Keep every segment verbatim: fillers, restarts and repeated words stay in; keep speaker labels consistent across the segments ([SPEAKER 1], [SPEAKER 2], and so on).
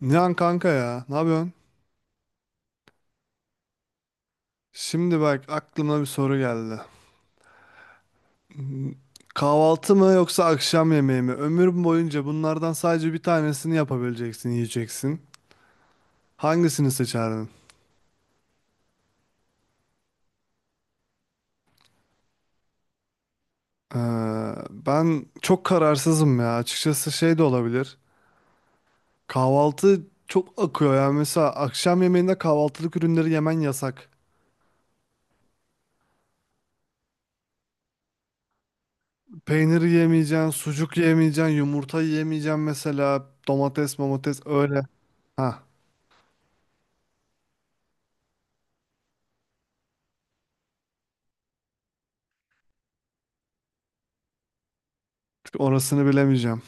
[SPEAKER 1] Nihan kanka ya, ne yapıyorsun? Şimdi bak aklıma bir soru geldi. Kahvaltı mı yoksa akşam yemeği mi? Ömür boyunca bunlardan sadece bir tanesini yapabileceksin, yiyeceksin. Hangisini seçerdin? Ee, Ben çok kararsızım ya. Açıkçası şey de olabilir. Kahvaltı çok akıyor, yani mesela akşam yemeğinde kahvaltılık ürünleri yemen yasak. Peynir yemeyeceksin, sucuk yemeyeceksin, yumurta yemeyeceksin mesela. Domates, domates öyle. Ha, orasını bilemeyeceğim.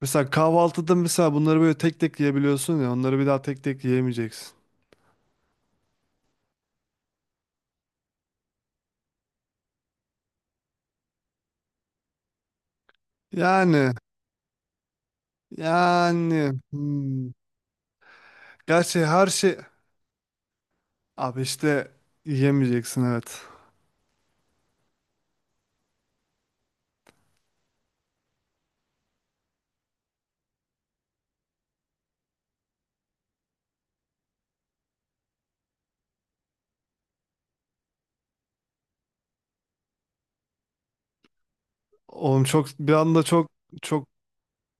[SPEAKER 1] Mesela kahvaltıda mesela bunları böyle tek tek yiyebiliyorsun ya, onları bir daha tek tek yiyemeyeceksin. Yani yani hmm. Gerçi her şey abi işte yiyemeyeceksin, evet. Oğlum çok bir anda çok çok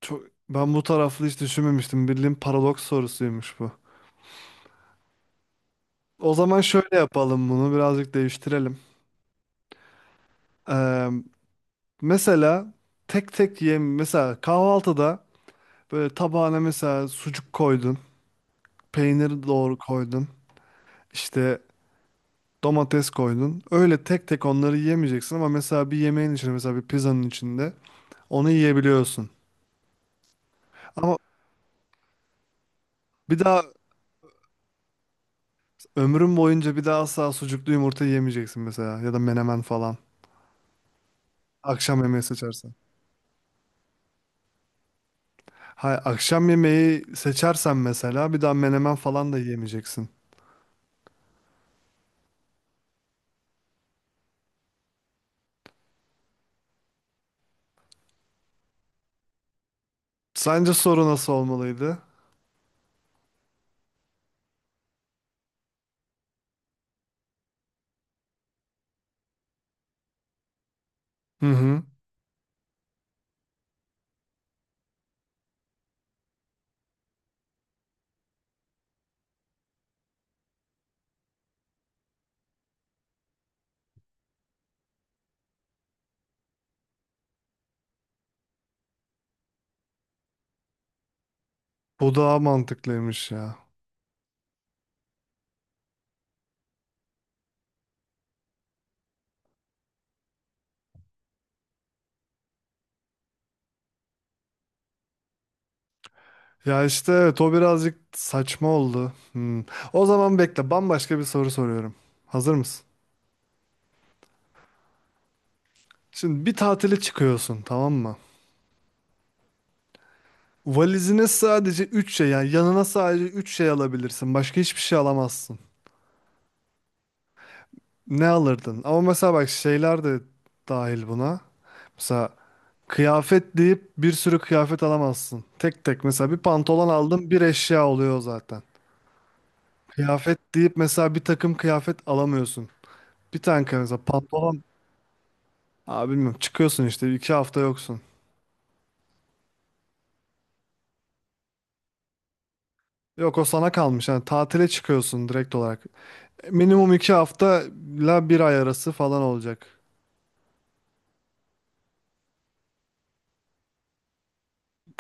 [SPEAKER 1] çok ben bu taraflı hiç düşünmemiştim. Bildiğin paradoks sorusuymuş bu. O zaman şöyle yapalım, bunu birazcık değiştirelim. Ee, Mesela tek tek yem, mesela kahvaltıda böyle tabağına mesela sucuk koydun, peynir doğru koydun. İşte. Domates koydun. Öyle tek tek onları yiyemeyeceksin ama mesela bir yemeğin içinde, mesela bir pizzanın içinde onu yiyebiliyorsun. Ama bir daha ömrün boyunca bir daha asla sucuklu yumurta yemeyeceksin mesela, ya da menemen falan. Akşam yemeği seçersen. Hayır, akşam yemeği seçersen mesela bir daha menemen falan da yemeyeceksin. Sence soru nasıl olmalıydı? Hı hı. Bu daha mantıklıymış ya. Ya işte evet, o birazcık saçma oldu. Hmm. O zaman bekle, bambaşka bir soru soruyorum. Hazır mısın? Şimdi bir tatile çıkıyorsun, tamam mı? Valizine sadece üç şey, yani yanına sadece üç şey alabilirsin. Başka hiçbir şey alamazsın. Ne alırdın? Ama mesela bak şeyler de dahil buna. Mesela kıyafet deyip bir sürü kıyafet alamazsın. Tek tek mesela bir pantolon aldın, bir eşya oluyor zaten. Kıyafet deyip mesela bir takım kıyafet alamıyorsun. Bir tane kıyafet mesela pantolon. Abi bilmiyorum, çıkıyorsun işte iki hafta yoksun. Yok, o sana kalmış. Yani tatile çıkıyorsun direkt olarak. Minimum iki hafta ile bir ay arası falan olacak.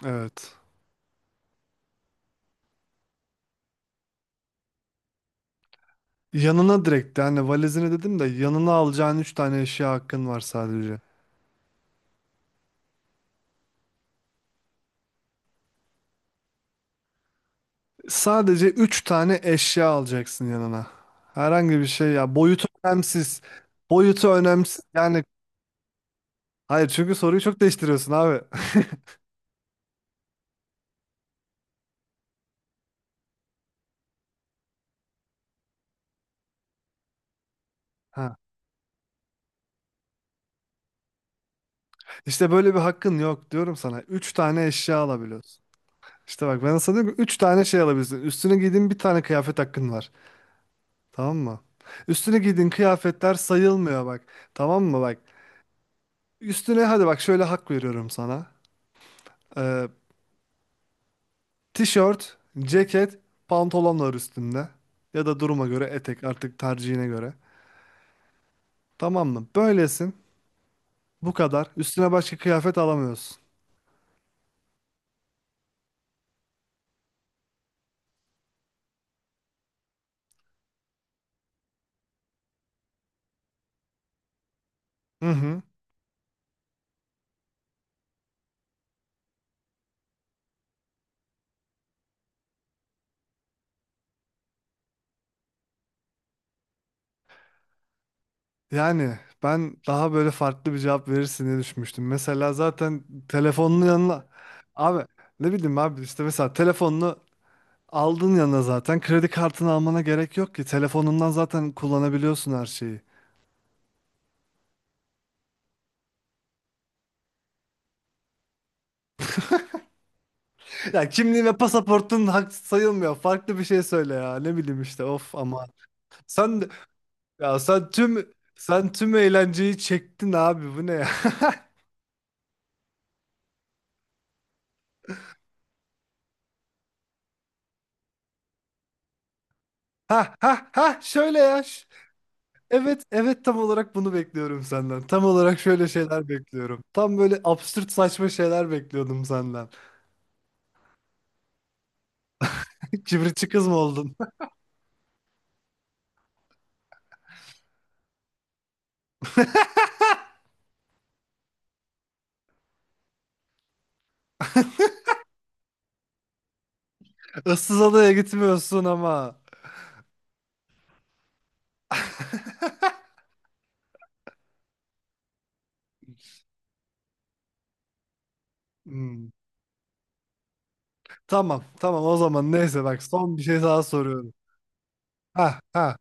[SPEAKER 1] Evet. Yanına direkt, yani valizini dedim de yanına alacağın üç tane eşya hakkın var sadece. Sadece üç tane eşya alacaksın yanına. Herhangi bir şey, ya boyutu önemsiz. Boyutu önemsiz. Yani hayır, çünkü soruyu çok değiştiriyorsun abi. Ha. İşte böyle bir hakkın yok diyorum sana. Üç tane eşya alabiliyorsun. İşte bak ben sana diyorum ki üç tane şey alabilirsin. Üstüne giydiğin bir tane kıyafet hakkın var. Tamam mı? Üstüne giydiğin kıyafetler sayılmıyor bak. Tamam mı bak? Üstüne hadi bak şöyle hak veriyorum sana. Ee, Tişört, ceket, pantolon var üstünde. Ya da duruma göre etek, artık tercihine göre. Tamam mı? Böylesin. Bu kadar. Üstüne başka kıyafet alamıyorsun. Hı hı. Yani ben daha böyle farklı bir cevap verirsin diye düşünmüştüm. Mesela zaten telefonun yanına... Abi ne bileyim abi, işte mesela telefonunu aldın yanına zaten. Kredi kartını almana gerek yok ki. Telefonundan zaten kullanabiliyorsun her şeyi. Ya kimliğin ve pasaportun hak sayılmıyor. Farklı bir şey söyle ya. Ne bileyim işte. Of ama. Sen de- ya sen tüm sen tüm eğlenceyi çektin abi. Bu ne ya? Ha ha ha şöyle ya. Ş- Evet evet, tam olarak bunu bekliyorum senden. Tam olarak şöyle şeyler bekliyorum. Tam böyle absürt saçma şeyler bekliyordum senden. Kibritçi kız mı oldun? Issız adaya gitmiyorsun ama. Hmm. Tamam tamam, o zaman neyse bak, son bir şey daha soruyorum. Ha ha.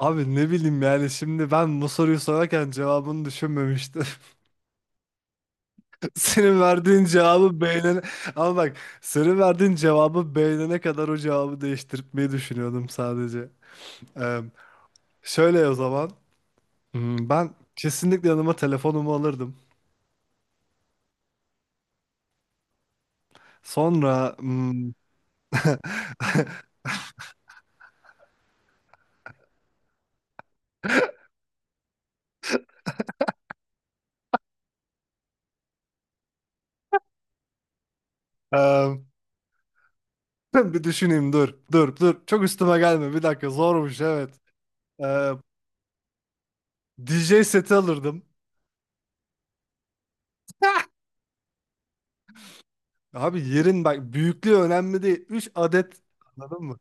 [SPEAKER 1] Abi ne bileyim, yani şimdi ben bu soruyu sorarken cevabını düşünmemiştim. Senin verdiğin cevabı beğenene... Ama bak senin verdiğin cevabı beğenene kadar o cevabı değiştirmeyi düşünüyordum sadece. Ee, Şöyle o zaman. Hmm, ben kesinlikle yanıma telefonumu alırdım. Sonra hmm, Eee, bir düşüneyim dur. Dur dur. Çok üstüme gelme. Bir dakika zormuş, evet. Ee, D J seti alırdım. Abi yerin bak, büyüklüğü önemli değil. Üç adet, anladın mı?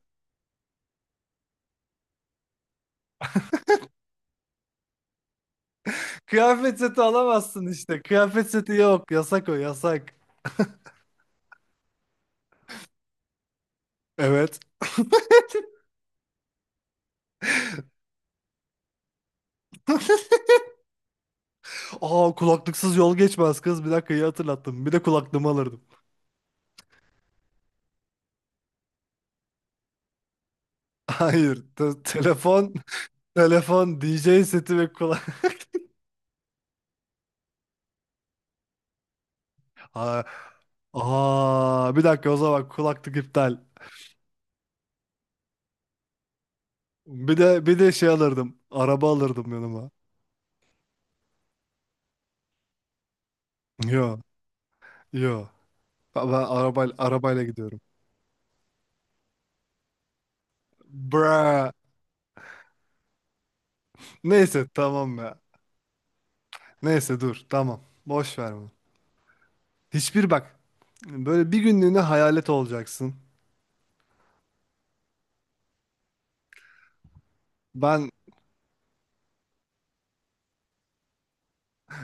[SPEAKER 1] Kıyafet seti alamazsın işte. Kıyafet seti yok. Yasak, o yasak. Evet. Aa, kulaklıksız yol geçmez kız. Bir dakika, iyi hatırlattım. Bir de kulaklığımı alırdım. Hayır. Te- telefon, telefon, D J seti ve kulak. Aa, aa, bir dakika, o zaman kulaklık iptal. Bir de bir de şey alırdım. Araba alırdım yanıma. Yo, yo. Ben araba arabayla gidiyorum. Bra. Neyse tamam ya. Neyse dur tamam. Boş ver bunu. Hiçbir bak. Böyle bir günlüğüne hayalet olacaksın. Ben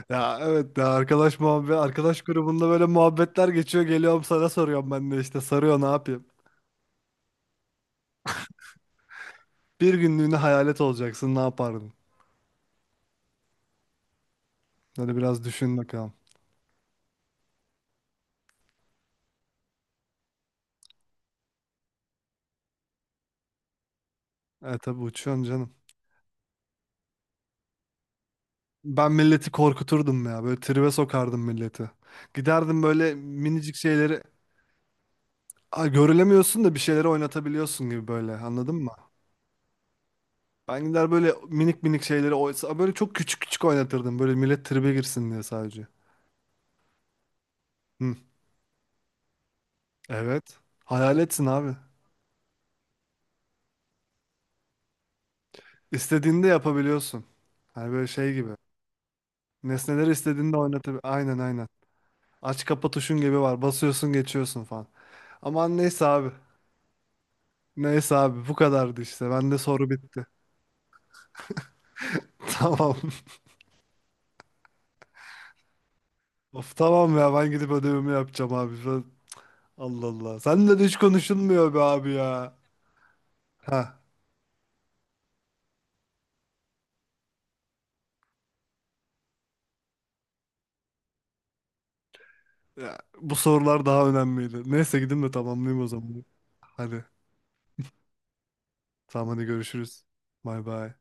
[SPEAKER 1] ya evet ya, arkadaş muhabbet, arkadaş grubunda böyle muhabbetler geçiyor, geliyorum sana soruyorum, ben de işte sarıyor, ne yapayım. Bir günlüğüne hayalet olacaksın, ne yapardın? Hadi biraz düşün bakalım. E tabi uçuyorsun canım. Ben milleti korkuturdum ya, böyle tribe sokardım milleti. Giderdim böyle minicik şeyleri. Aa, görülemiyorsun da bir şeyleri oynatabiliyorsun gibi böyle, anladın mı? Ben gider böyle minik minik şeyleri oysa böyle çok küçük küçük oynatırdım. Böyle millet tribe girsin diye sadece. Hı. Evet. Hayaletsin abi. İstediğini de yapabiliyorsun. Hani böyle şey gibi. Nesneleri istediğinde de Aynen aynen. Aç kapa tuşun gibi var. Basıyorsun geçiyorsun falan. Aman neyse abi. Neyse abi bu kadardı işte. Bende soru bitti. Tamam. Of tamam ya, ben gidip ödevimi yapacağım abi. Ben- Allah Allah. Seninle de hiç konuşulmuyor be abi ya. Ha. Ya, bu sorular daha önemliydi. Neyse gidin de tamamlayayım o zaman. Hadi. Tamam hadi görüşürüz. Bay bay.